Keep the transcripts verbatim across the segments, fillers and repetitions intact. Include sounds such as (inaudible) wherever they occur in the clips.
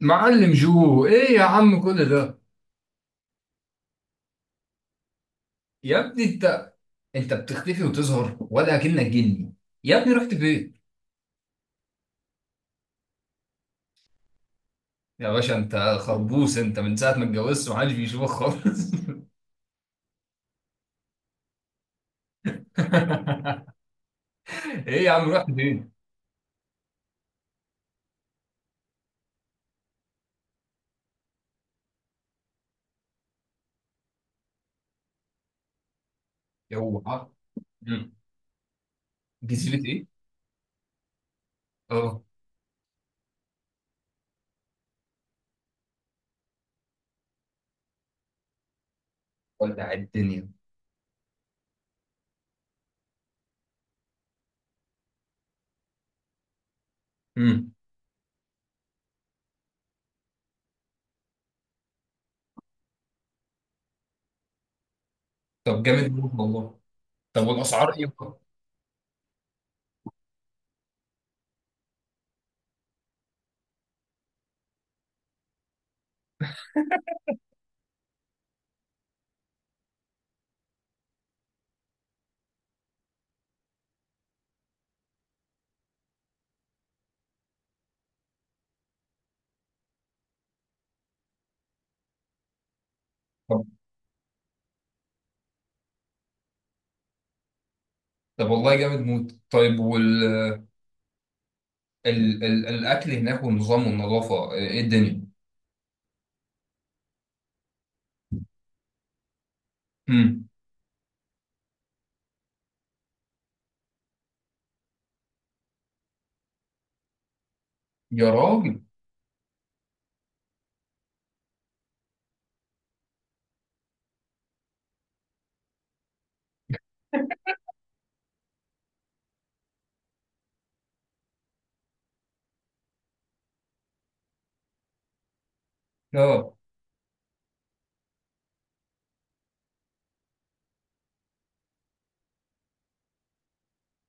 معلم جو، ايه يا عم كل ده؟ يا ابني انت، انت بتختفي وتظهر ولا كأنك جني. يا ابني رحت فين؟ يا باشا انت خربوس، انت من ساعة ما اتجوزت محدش بيشوفك خالص. (laughs) ايه يا عم رحت فين؟ يا هو ها؟ مم. جزيرة ايه؟ اه. ولع الدنيا. مم. طب جامد موت والله. طب والاسعار ايه بقى؟ طب، طب والله جامد موت. طيب وال ال... ال... الاكل هناك والنظام والنظافة، ايه الدنيا؟ مم. يا راجل. اه.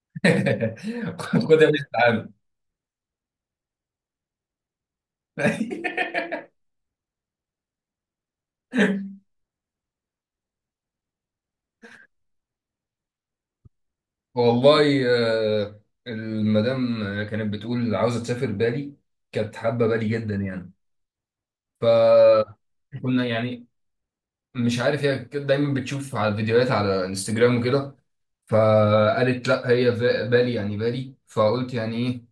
(laughs) خد يا باشا تعالى. (laughs) والله. آه، المدام كانت بتقول عاوزه تسافر بالي. كانت حابه بالي جدا يعني. فكنا، يعني مش عارف، هي كده دايما بتشوف على الفيديوهات على انستجرام وكده. فقالت لا، هي فا- بالي يعني بالي. فقلت يعني ايه؟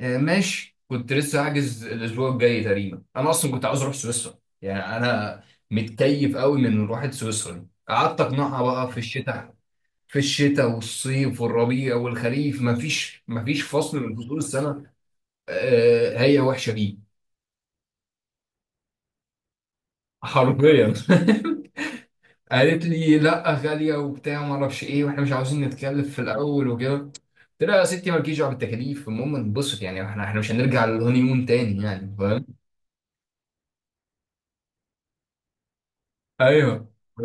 آه، ماشي، كنت لسه هحجز الاسبوع الجاي تقريبا. انا اصلا كنت عاوز اروح سويسرا، يعني انا متكيف قوي من روحة سويسرا دي. قعدت اقنعها بقى في الشتاء في الشتاء والصيف والربيع والخريف، مفيش مفيش فصل من فصول السنة. آه، هي وحشة بيه. حرفيا. (laughs) قالت لي لا غالية وبتاع ما اعرفش ايه، واحنا مش عاوزين نتكلف في الاول وكده. قلت لها يا ستي مالكيش دعوه بالتكاليف، المهم انبسط، يعني احنا احنا مش هنرجع للهوني مون تاني، يعني فاهم؟ ايوه. ف-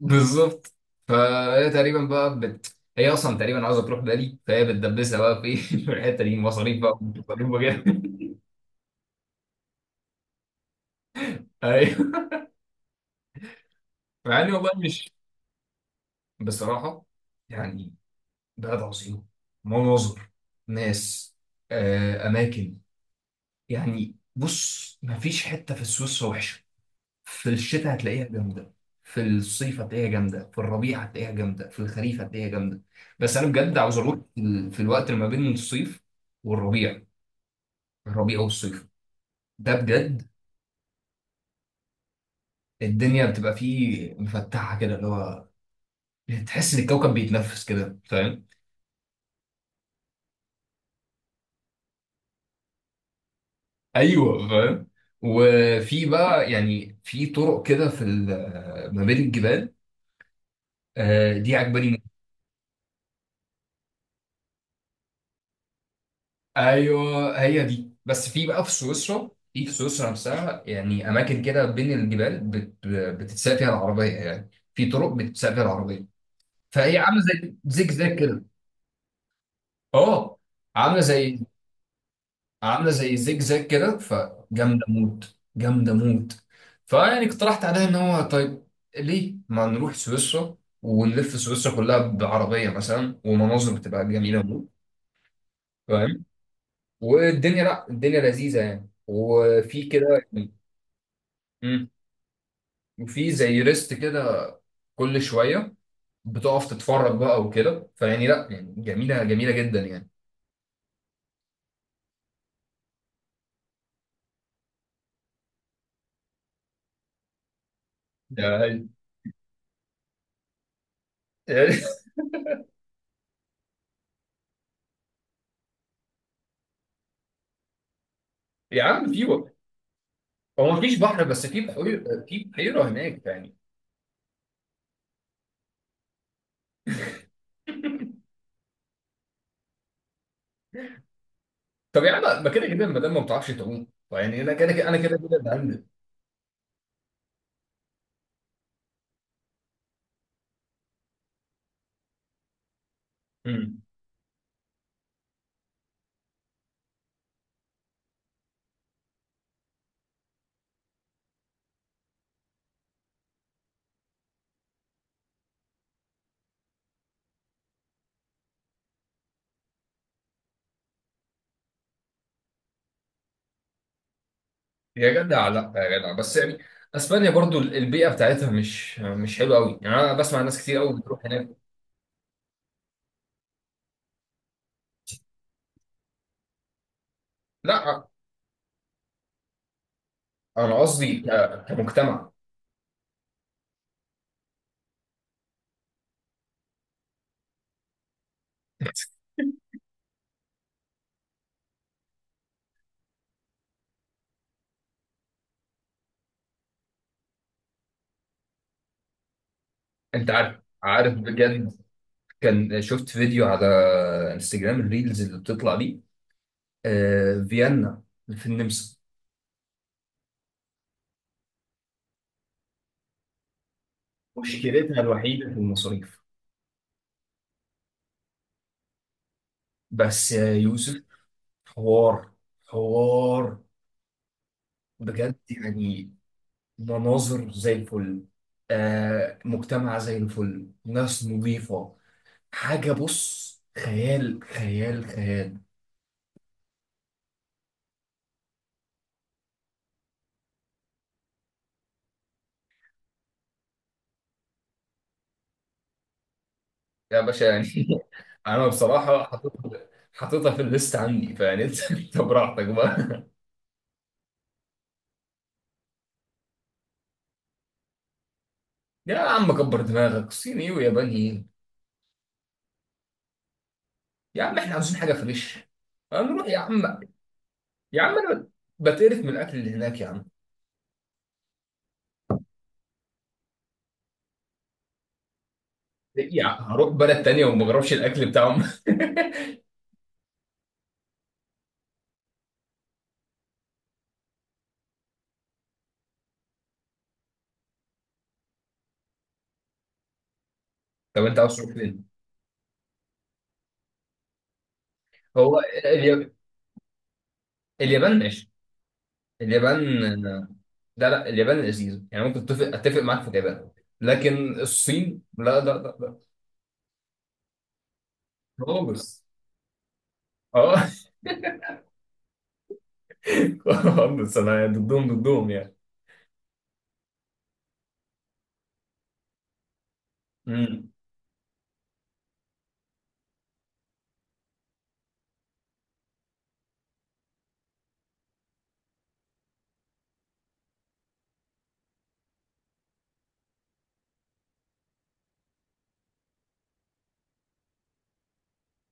بالظبط. فهي تقريبا بقى بت... هي اصلا تقريبا عاوزه تروح بالي، فهي بتدبسها بقى في (laughs) في الحته دي، مصاريف بقى، مصاريف بقى. (laughs) ايوه. مع اني والله مش بصراحه يعني. بلد عظيم. مناظر. ناس. آه، اماكن. يعني بص، مفيش حته في السويس وحشه. في الشتاء هتلاقيها جامده، في الصيف هتلاقيها جامده، في الربيع هتلاقيها جامده، في الخريف هتلاقيها جامده. بس انا بجد عاوز اروح في ال- في الوقت اللي ما بين الصيف والربيع، الربيع والصيف. ده بجد، الدنيا بتبقى فيه مفتحه كده، اللي هو تحس ان الكوكب بيتنفس كده، فاهم؟ ايوه، فاهم. وفي بقى يعني في طرق كده في ال- آه، ما بين الجبال. آه، دي عجباني موت. ايوه، هي دي. بس في بقى في سويسرا. في في سويسرا نفسها يعني، اماكن كده بين الجبال بت- بتتساق فيها العربيه، يعني في طرق بتتساق فيها العربيه، فهي عامله زي زيج زاج كده. اه، عامله زي عامله زي زجزاج كده، فجامده موت جامده موت. فيعني اقترحت عليها ان هو طيب، ليه ما نروح سويسرا ونلف سويسرا كلها بعربيه مثلا، ومناظر بتبقى جميله موت، فاهم؟ والدنيا، لا الدنيا لذيذه يعني وفي كده. يعني- مم. وفي زي ريست كده كل شويه بتقف تتفرج بقى وكده، فيعني لا، يعني جميله جميله جدا يعني. ده- (laughs) يا عم، في هو ما فيش بحر، بس في بحيرة، في بحيرة هناك يعني. طب يا عم، ما كده كده ما دام ما بتعرفش تعوم، يعني انا كده كده، انا كده كده بهندل. امم. يا جدع، لا يا جدع، بس يعني اسبانيا برضو البيئه بتاعتها مش مش حلوه قوي يعني، انا بسمع ناس كتير قوي بتروح هناك. لا، انا قصدي ك- كمجتمع. انت عارف، عارف بجد. كان شفت فيديو على انستجرام، الريلز اللي بتطلع دي. آه، فيينا في النمسا. مشكلتها الوحيده في المصاريف. بس يا يوسف، حوار، حوار بجد يعني. مناظر زي الفل. آه، مجتمع زي الفل، ناس نظيفة. حاجة، بص، خيال خيال خيال. يا باشا يعني، (laughs) انا بصراحه حطيتها، حطيتها في الليست عندي. فيعني انت، (laughs) انت براحتك بقى. يا عم كبر دماغك، صيني وياباني ايه؟ يا عم احنا عاوزين حاجه فريش. هنروح يا عم. يا عم انا بتقرف من الاكل اللي هناك يا عم. يا عم هروح بلد تانية وما بجربش الاكل بتاعهم؟ (laughs) طب انت عاوز تروح فين؟ هو اليا- اليابان ماشي. اليابان، لا لا اليابان لذيذة يعني، ممكن اتفق، اتفق معاك في اليابان، لكن الصين لا لا لا لا. خالص. اه. (laughs) خالص، انا ضدهم، ضدهم يعني. امم.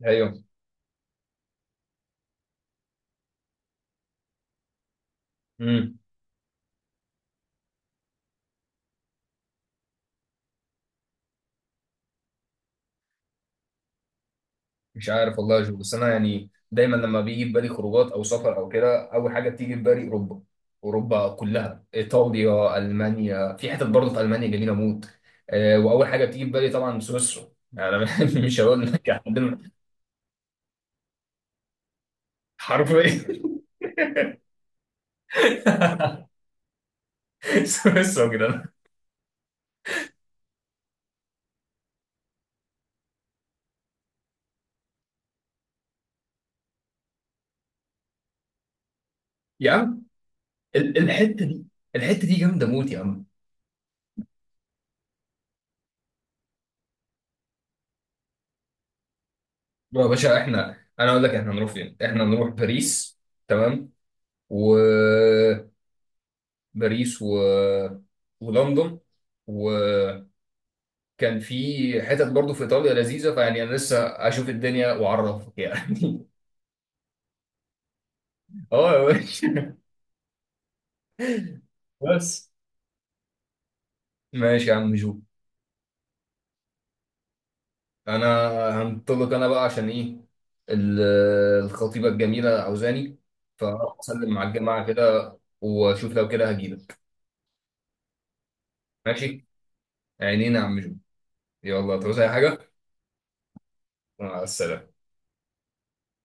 ايوه. امم. مش عارف والله يا جو، بس انا يعني دايما لما بيجي في بالي خروجات او سفر او كده، اول حاجه بتيجي في بالي اوروبا. اوروبا كلها، ايطاليا، المانيا. في حتت برضه في المانيا جميله موت. آه واول حاجه بتيجي في بالي طبعا سويسرا، يعني أنا (laughs) مش هقول لك عندنا. حرفيا. (laughs) سويسرا كده. يا عم، ال- الحته دي الحته دي جامده موت يا عم. بقى يا باشا، احنا انا اقول لك احنا هنروح فين. احنا هنروح باريس، تمام، و باريس و ولندن. وكان في حتت برضه في ايطاليا لذيذه، فيعني انا لسه اشوف الدنيا واعرفك يعني. (laughs) اه يا باشا. بس. ماشي يا عم جو. انا هنطلق انا بقى، عشان ايه؟ ال- الخطيبه الجميله عاوزاني. فاسلم مع الجماعه كده، واشوف لو كده هجيلك. ماشي. عينينا يا عم جو. يلا تعوز اي حاجه. مع السلامه.